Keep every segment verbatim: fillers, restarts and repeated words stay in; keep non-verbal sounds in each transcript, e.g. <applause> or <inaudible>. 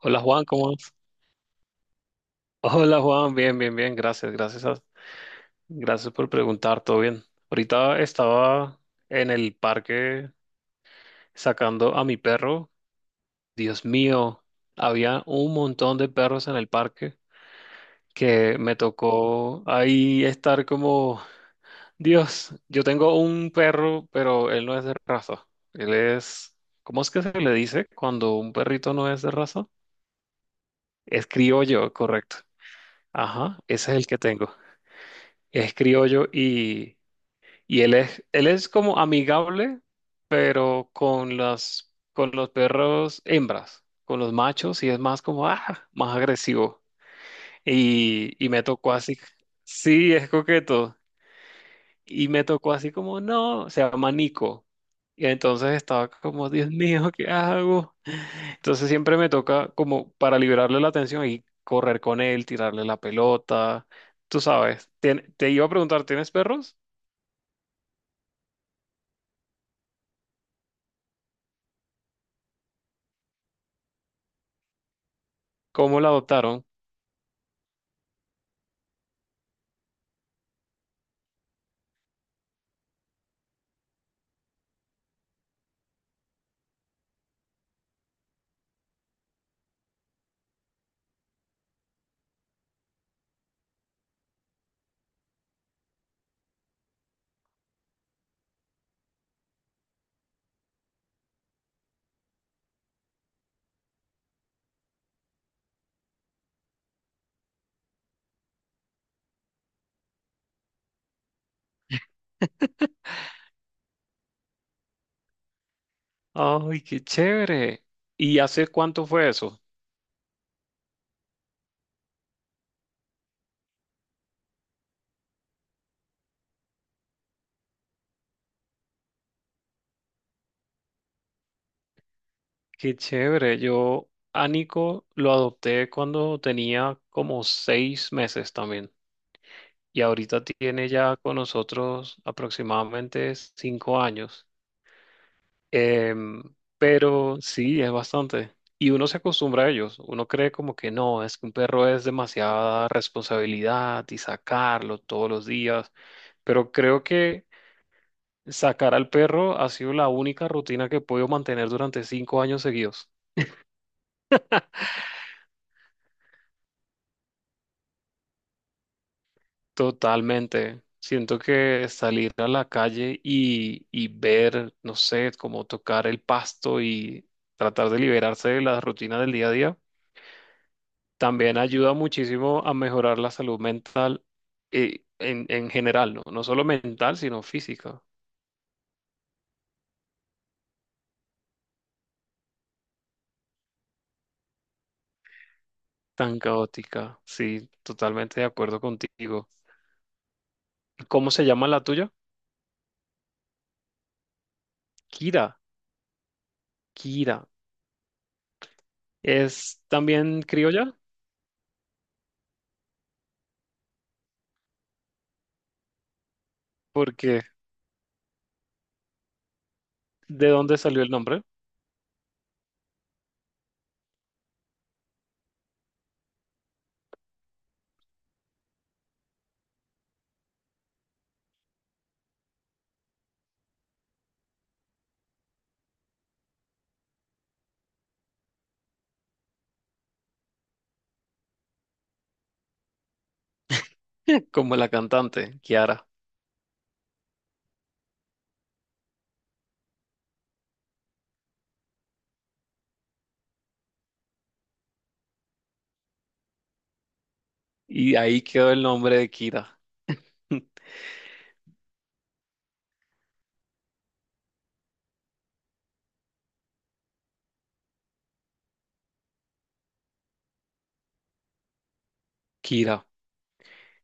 Hola Juan, ¿cómo vas? Hola Juan, bien, bien, bien, gracias, gracias, a- gracias por preguntar, todo bien. Ahorita estaba en el parque sacando a mi perro. Dios mío, había un montón de perros en el parque que me tocó ahí estar como, Dios, yo tengo un perro, pero él no es de raza. Él es, ¿Cómo es que se le dice cuando un perrito no es de raza? Es criollo, correcto. Ajá, ese es el que tengo. Es criollo y, y él es, él es como amigable, pero con las, con los perros hembras, con los machos, y es más como, ah, más agresivo. Y, y me tocó así, sí, es coqueto. Y me tocó así como, no, se llama Nico. Y entonces estaba como, Dios mío, ¿qué hago? Entonces siempre me toca como para liberarle la atención y correr con él, tirarle la pelota. Tú sabes, Tien- te iba a preguntar, ¿tienes perros? ¿Cómo la adoptaron? Ay, qué chévere. ¿Y hace cuánto fue eso? Qué chévere. Yo a Nico lo adopté cuando tenía como seis meses también. Y ahorita tiene ya con nosotros aproximadamente cinco años. Em, pero sí, es bastante. Y uno se acostumbra a ellos. Uno cree como que no, es que un perro es demasiada responsabilidad y sacarlo todos los días. Pero creo que sacar al perro ha sido la única rutina que he podido mantener durante cinco años seguidos. Totalmente. Siento que salir a la calle y, y ver, no sé, como tocar el pasto y tratar de liberarse de las rutinas del día a día, también ayuda muchísimo a mejorar la salud mental eh, en, en general, ¿no? No solo mental, sino física. Tan caótica. Sí, totalmente de acuerdo contigo. ¿Cómo se llama la tuya? Kira. Kira. Es también criolla. ¿Porque de dónde salió el nombre? <laughs> Como la cantante, Kiara. Y ahí quedó el nombre de Kira. <laughs> Kira.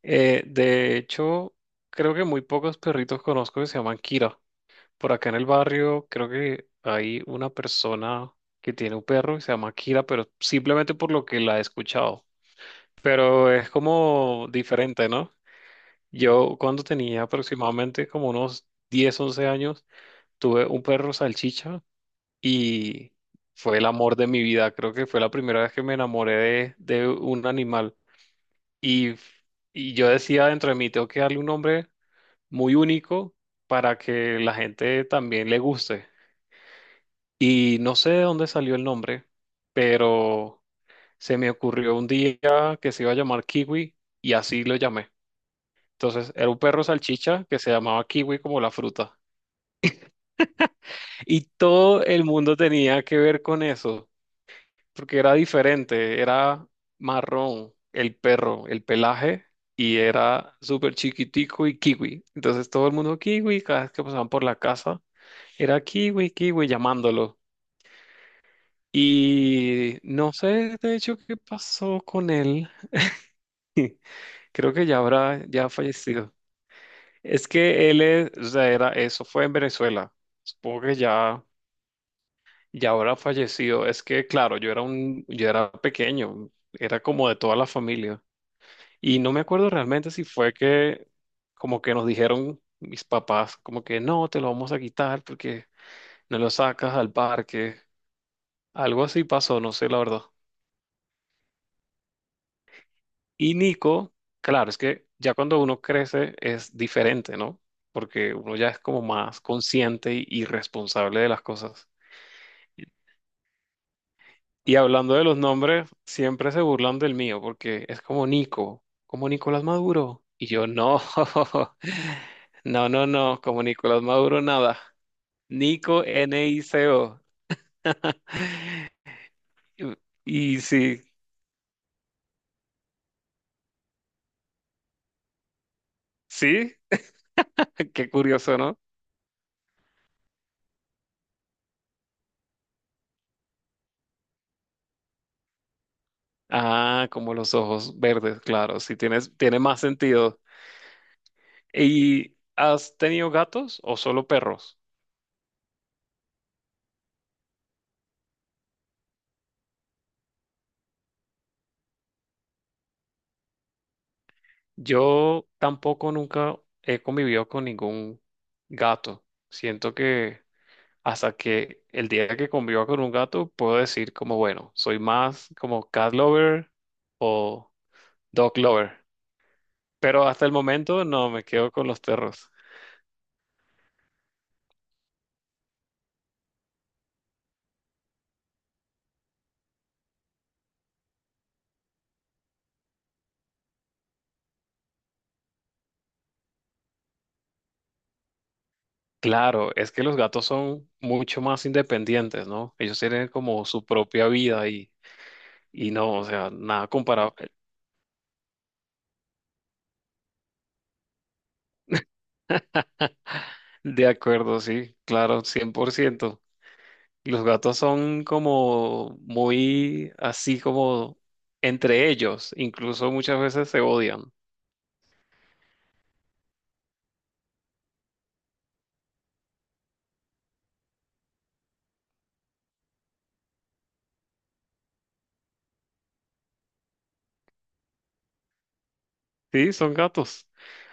Eh, de hecho, creo que muy pocos perritos conozco que se llaman Kira. Por acá en el barrio, creo que hay una persona que tiene un perro que se llama Kira, pero simplemente por lo que la he escuchado. Pero es como diferente, ¿no? Yo cuando tenía aproximadamente como unos diez, once años, tuve un perro salchicha y fue el amor de mi vida. Creo que fue la primera vez que me enamoré de, de un animal. Y, y yo decía dentro de mí, tengo que darle un nombre muy único para que la gente también le guste. Y no sé de dónde salió el nombre, pero se me ocurrió un día que se iba a llamar Kiwi y así lo llamé. Entonces era un perro salchicha que se llamaba Kiwi como la fruta. Y todo el mundo tenía que ver con eso, porque era diferente, era marrón el perro, el pelaje, y era súper chiquitico y kiwi. Entonces todo el mundo kiwi, cada vez que pasaban por la casa, era kiwi, kiwi llamándolo. Y no sé de hecho qué pasó con él, creo que ya habrá, ya ha fallecido. Es que él es- o sea, era eso, fue en Venezuela, supongo que ya, ya habrá fallecido. Es que claro, yo era un, yo era pequeño, era como de toda la familia. Y no me acuerdo realmente si fue que como que nos dijeron mis papás, como que no, te lo vamos a quitar porque no lo sacas al parque. Algo así pasó, no sé la verdad. Y Nico, claro, es que ya cuando uno crece es diferente, ¿no? Porque uno ya es como más consciente y y responsable de las cosas. Y hablando de los nombres, siempre se burlan del mío porque es como Nico, como Nicolás Maduro. Y yo no, <laughs> no, no, no, como Nicolás Maduro nada. Nico N I C O. Y sí, sí, <laughs> qué curioso, ¿no? Ah, como los ojos verdes, claro, sí, tienes, tiene más sentido. ¿Y has tenido gatos o solo perros? Yo tampoco nunca he convivido con ningún gato. Siento que hasta que el día que conviva con un gato, puedo decir como, bueno, soy más como cat lover o dog lover. Pero hasta el momento no, me quedo con los perros. Claro, es que los gatos son mucho más independientes, ¿no? Ellos tienen como su propia vida y, y no, o sea, nada comparado. De acuerdo, sí, claro, cien por ciento. Los gatos son como muy así como entre ellos, incluso muchas veces se odian. Sí, son gatos.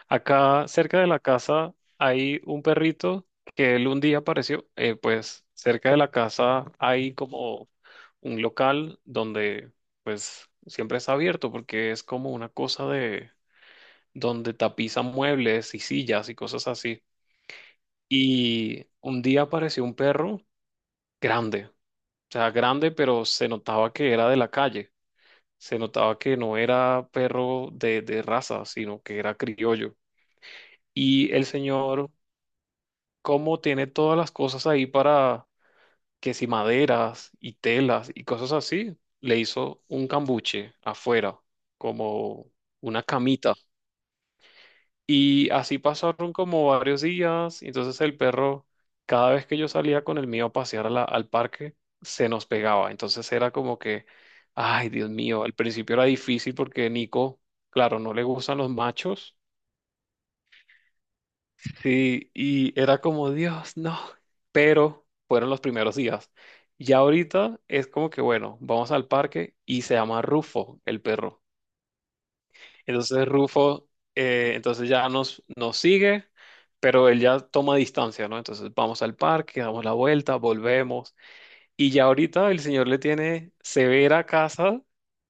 Acá cerca de la casa hay un perrito que él un día apareció. Eh, pues cerca de la casa hay como un local donde pues siempre está abierto porque es como una cosa de donde tapizan muebles y sillas y cosas así. Y un día apareció un perro grande, o sea, grande, pero se notaba que era de la calle. Se notaba que no era perro de, de raza, sino que era criollo. Y el señor, como tiene todas las cosas ahí para que si maderas y telas y cosas así, le hizo un cambuche afuera, como una camita. Y así pasaron como varios días, y entonces el perro, cada vez que yo salía con el mío a pasear a la- al parque, se nos pegaba. Entonces era como que, ay, Dios mío, al principio era difícil porque Nico, claro, no le gustan los machos. Sí, y era como, Dios, no, pero fueron los primeros días. Ya ahorita es como que, bueno, vamos al parque y se llama Rufo, el perro. Entonces Rufo, eh, entonces ya nos, nos sigue, pero él ya toma distancia, ¿no? Entonces vamos al parque, damos la vuelta, volvemos. Y ya ahorita el señor le tiene severa casa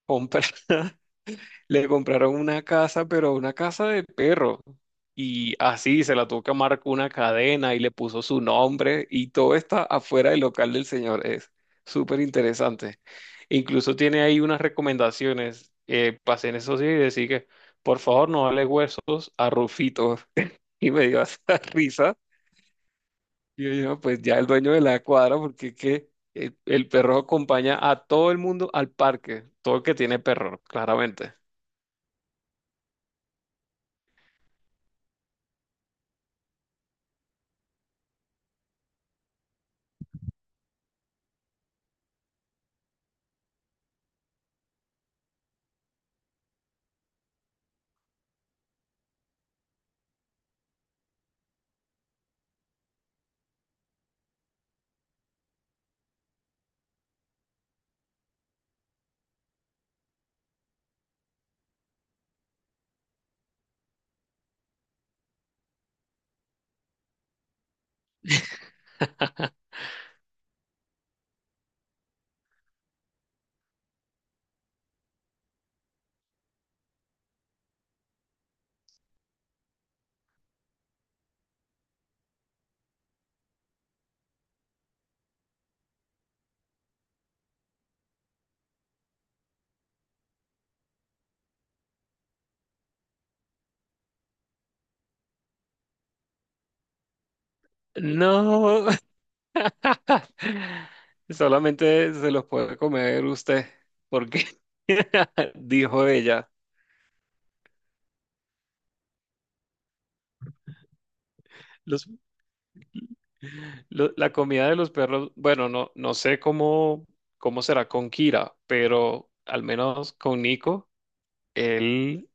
comprada. <laughs> Le compraron una casa, pero una casa de perro. Y así se la tuvo que amar con una cadena y le puso su nombre y todo está afuera del local del señor. Es súper interesante. Incluso tiene ahí unas recomendaciones. Eh, pasé en eso sí y decía que por favor no dale huesos a Rufito. <laughs> Y me dio hasta <laughs> risa. Y yo, "No, pues ya el dueño de la cuadra, porque es que el, el perro acompaña a todo el mundo al parque, todo el que tiene perro, claramente." No, <laughs> <laughs> solamente se los puede comer usted, porque, <laughs> dijo ella. Los, lo- la comida de los perros, bueno, no, no sé cómo, cómo será con Kira, pero al menos con Nico, él,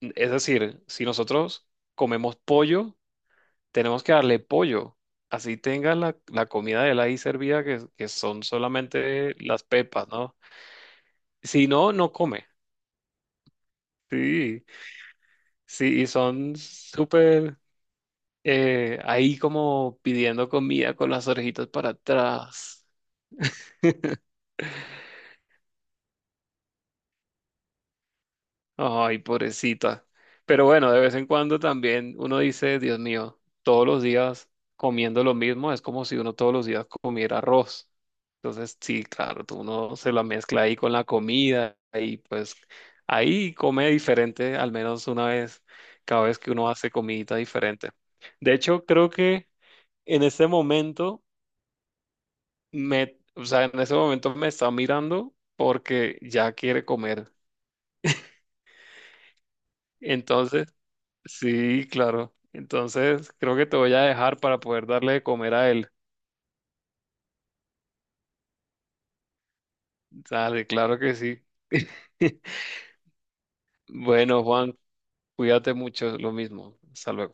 es decir, si nosotros comemos pollo, tenemos que darle pollo. Así tenga la, la comida de él ahí servida, que, que son solamente las pepas, ¿no? Si no, no come. Sí, sí, y son súper. Eh, ahí como pidiendo comida con las orejitas para atrás. <laughs> Ay, pobrecita. Pero bueno, de vez en cuando también uno dice, Dios mío, todos los días comiendo lo mismo es como si uno todos los días comiera arroz. Entonces, sí, claro, tú uno se la mezcla ahí con la comida y pues ahí come diferente, al menos una vez, cada vez que uno hace comidita diferente. De hecho, creo que en este momento... me, o sea, en ese momento me está mirando porque ya quiere comer. Entonces, sí, claro. Entonces, creo que te voy a dejar para poder darle de comer a él. Dale, claro que sí. <laughs> Bueno, Juan, cuídate mucho, lo mismo. Hasta luego.